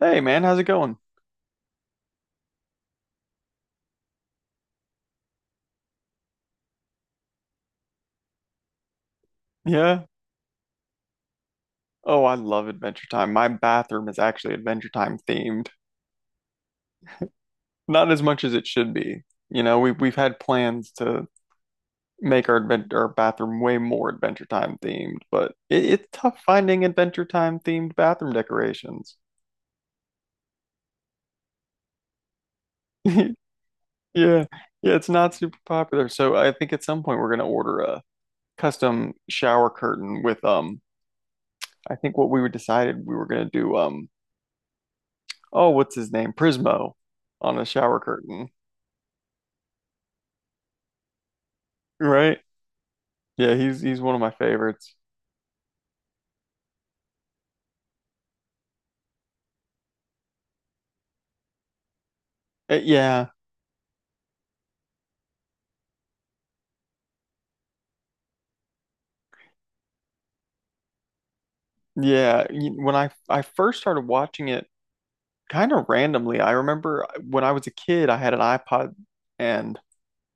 Hey man, how's it going? Yeah. Oh, I love Adventure Time. My bathroom is actually Adventure Time themed. Not as much as it should be. You know, we've had plans to make our bathroom way more Adventure Time themed, but it's tough finding Adventure Time themed bathroom decorations. Yeah. Yeah, it's not super popular. So I think at some point we're gonna order a custom shower curtain with I think what we were decided we were gonna do oh, what's his name? Prismo on a shower curtain. Right? Yeah, he's one of my favorites. Yeah, yeah. When I first started watching it, kind of randomly. I remember when I was a kid, I had an iPod, and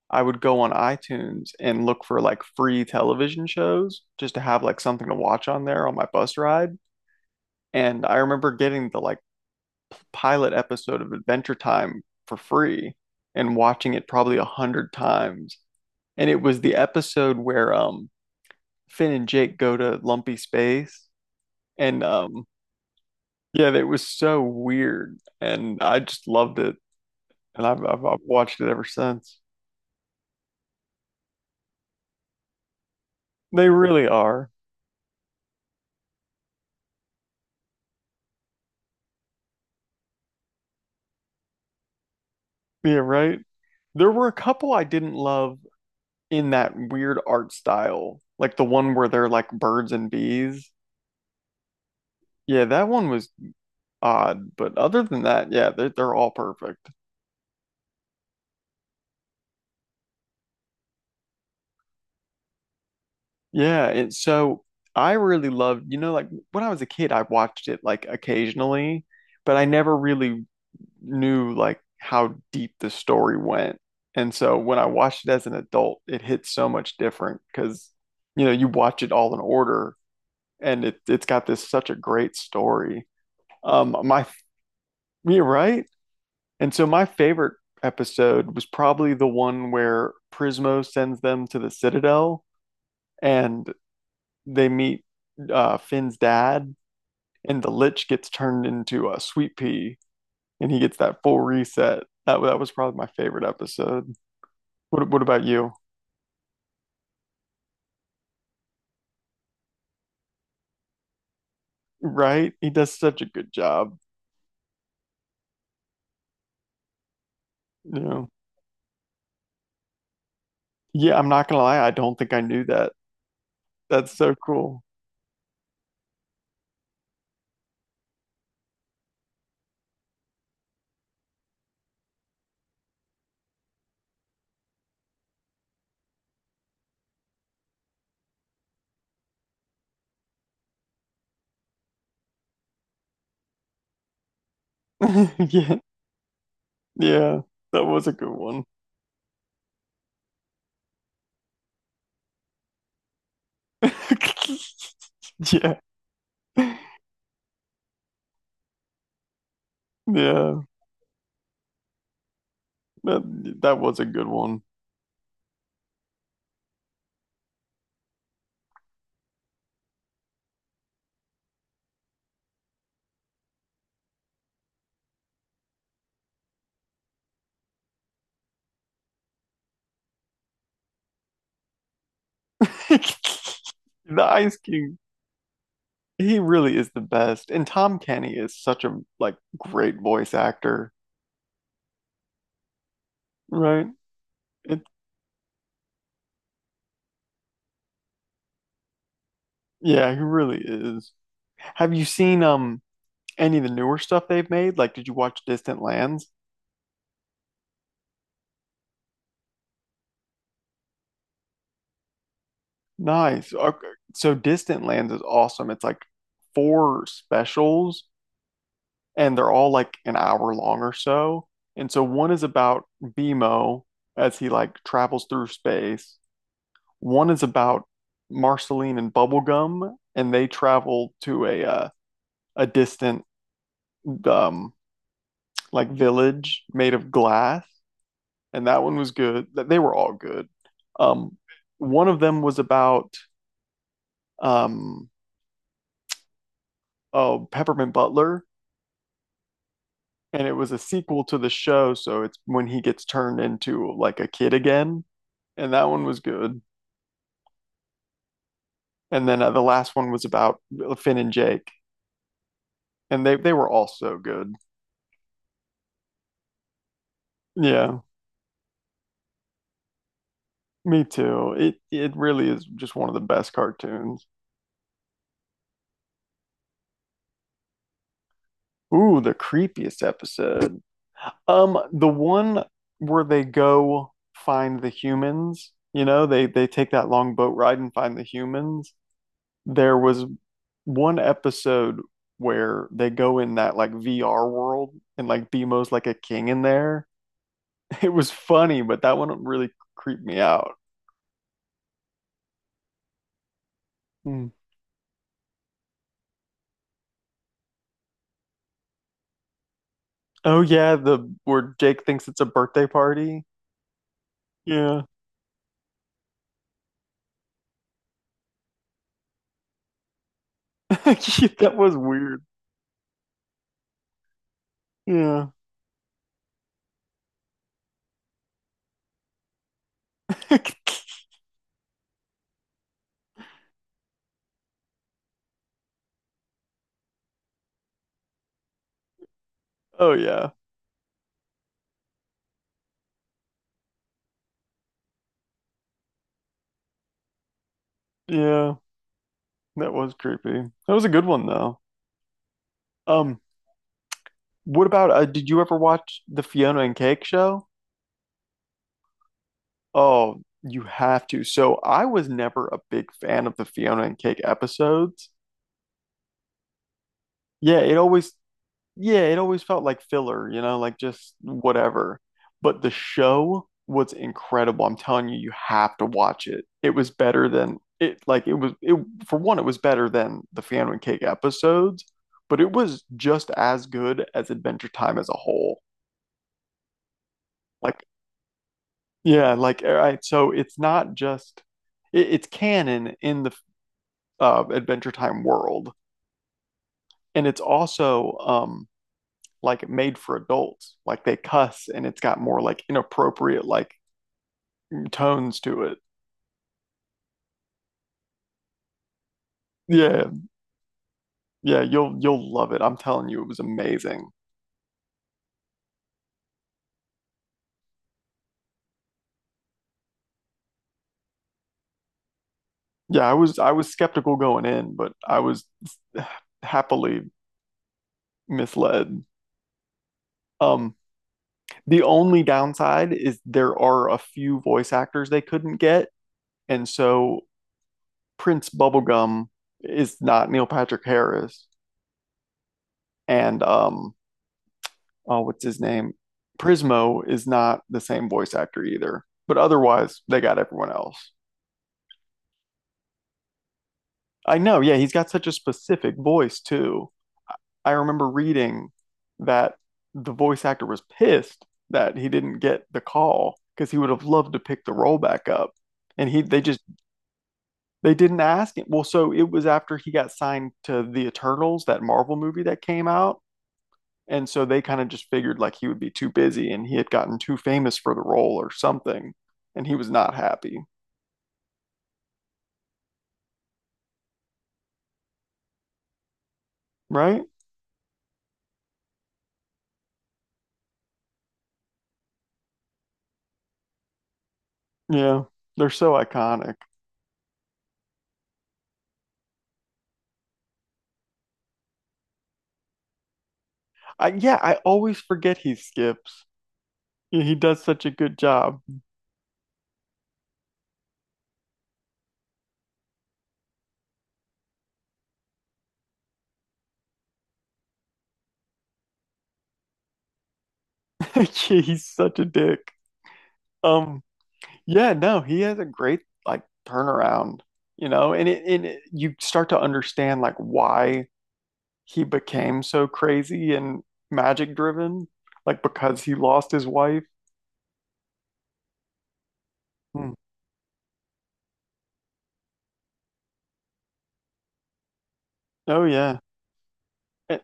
I would go on iTunes and look for like free television shows just to have like something to watch on there on my bus ride. And I remember getting the like pilot episode of Adventure Time for free and watching it probably 100 times. And it was the episode where Finn and Jake go to Lumpy Space. And yeah, it was so weird, and I just loved it, and I've watched it ever since. They really are. Yeah, right. There were a couple I didn't love in that weird art style, like the one where they're like birds and bees. Yeah, that one was odd, but other than that, yeah, they're all perfect. Yeah, and so I really loved, like when I was a kid, I watched it like occasionally, but I never really knew like how deep the story went. And so when I watched it as an adult, it hit so much different, because you watch it all in order, and it's got this such a great story. My You're right. And so my favorite episode was probably the one where Prismo sends them to the Citadel and they meet Finn's dad, and the Lich gets turned into a sweet pea, and he gets that full reset. That was probably my favorite episode. What about you? Right? He does such a good job. You know. Yeah, I'm not gonna lie, I don't think I knew that. That's so cool. Yeah. Yeah. That was a good one. Yeah. Yeah. That that was a good one. The Ice King, he really is the best. And Tom Kenny is such a like great voice actor, right? It, yeah, he really is. Have you seen any of the newer stuff they've made? Like, did you watch Distant Lands? Nice. Okay. So Distant Lands is awesome. It's like four specials, and they're all like an hour long or so. And so one is about Bimo as he like travels through space. One is about Marceline and Bubblegum, and they travel to a distant um like village made of glass. And that one was good. They were all good. Um, One of them was about um, oh, Peppermint Butler, and it was a sequel to the show, so it's when he gets turned into like a kid again, and that one was good. And then the last one was about Finn and Jake, and they were all so good. Yeah, me too. It really is just one of the best cartoons. Ooh, the creepiest episode. The one where they go find the humans. You know, they take that long boat ride and find the humans. There was one episode where they go in that like VR world and like Bemo's like a king in there. It was funny, but that one really creeped me out. Hmm. Oh yeah, the where Jake thinks it's a birthday party. Yeah. That was weird. Yeah. Oh yeah. Yeah. That was creepy. That was a good one though. Um, what about did you ever watch the Fiona and Cake show? Oh, you have to. So I was never a big fan of the Fiona and Cake episodes. Yeah, it always felt like filler, like just whatever. But the show was incredible. I'm telling you, you have to watch it. It was better than it like it was it For one, it was better than the Fiona and Cake episodes, but it was just as good as Adventure Time as a whole. Like yeah, like all right, so it's not just it's canon in the Adventure Time world. And it's also like made for adults. Like they cuss and it's got more like inappropriate like tones to it. Yeah, yeah, you'll love it. I'm telling you, it was amazing. Yeah, I was skeptical going in, but I was happily misled. Um, the only downside is there are a few voice actors they couldn't get, and so Prince Bubblegum is not Neil Patrick Harris, and what's his name? Prismo is not the same voice actor either, but otherwise they got everyone else. I know, yeah, he's got such a specific voice too. I remember reading that the voice actor was pissed that he didn't get the call because he would have loved to pick the role back up. And he they just they didn't ask him. Well, so it was after he got signed to the Eternals, that Marvel movie that came out, and so they kind of just figured like he would be too busy and he had gotten too famous for the role or something, and he was not happy, right? Yeah, they're so iconic. I yeah, I always forget he skips. Yeah, he does such a good job. Yeah, he's such a dick. Um, yeah, no, he has a great like turnaround, and you start to understand like why he became so crazy and magic driven, like because he lost his wife. Hmm. Oh yeah. And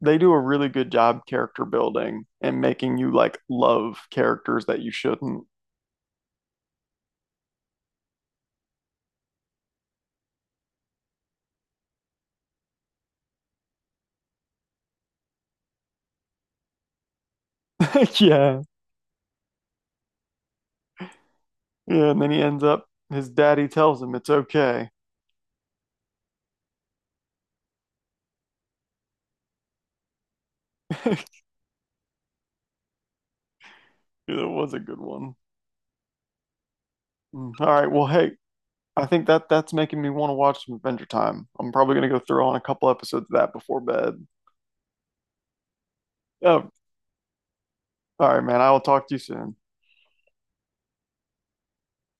they do a really good job character building and making you like love characters that you shouldn't. Yeah. Yeah, and then he ends up, his daddy tells him it's okay. It was a good one. Mm. All right, well, hey, I think that that's making me want to watch some Adventure Time. I'm probably gonna go throw on a couple episodes of that before bed. Oh, all right, man, I will talk to you soon.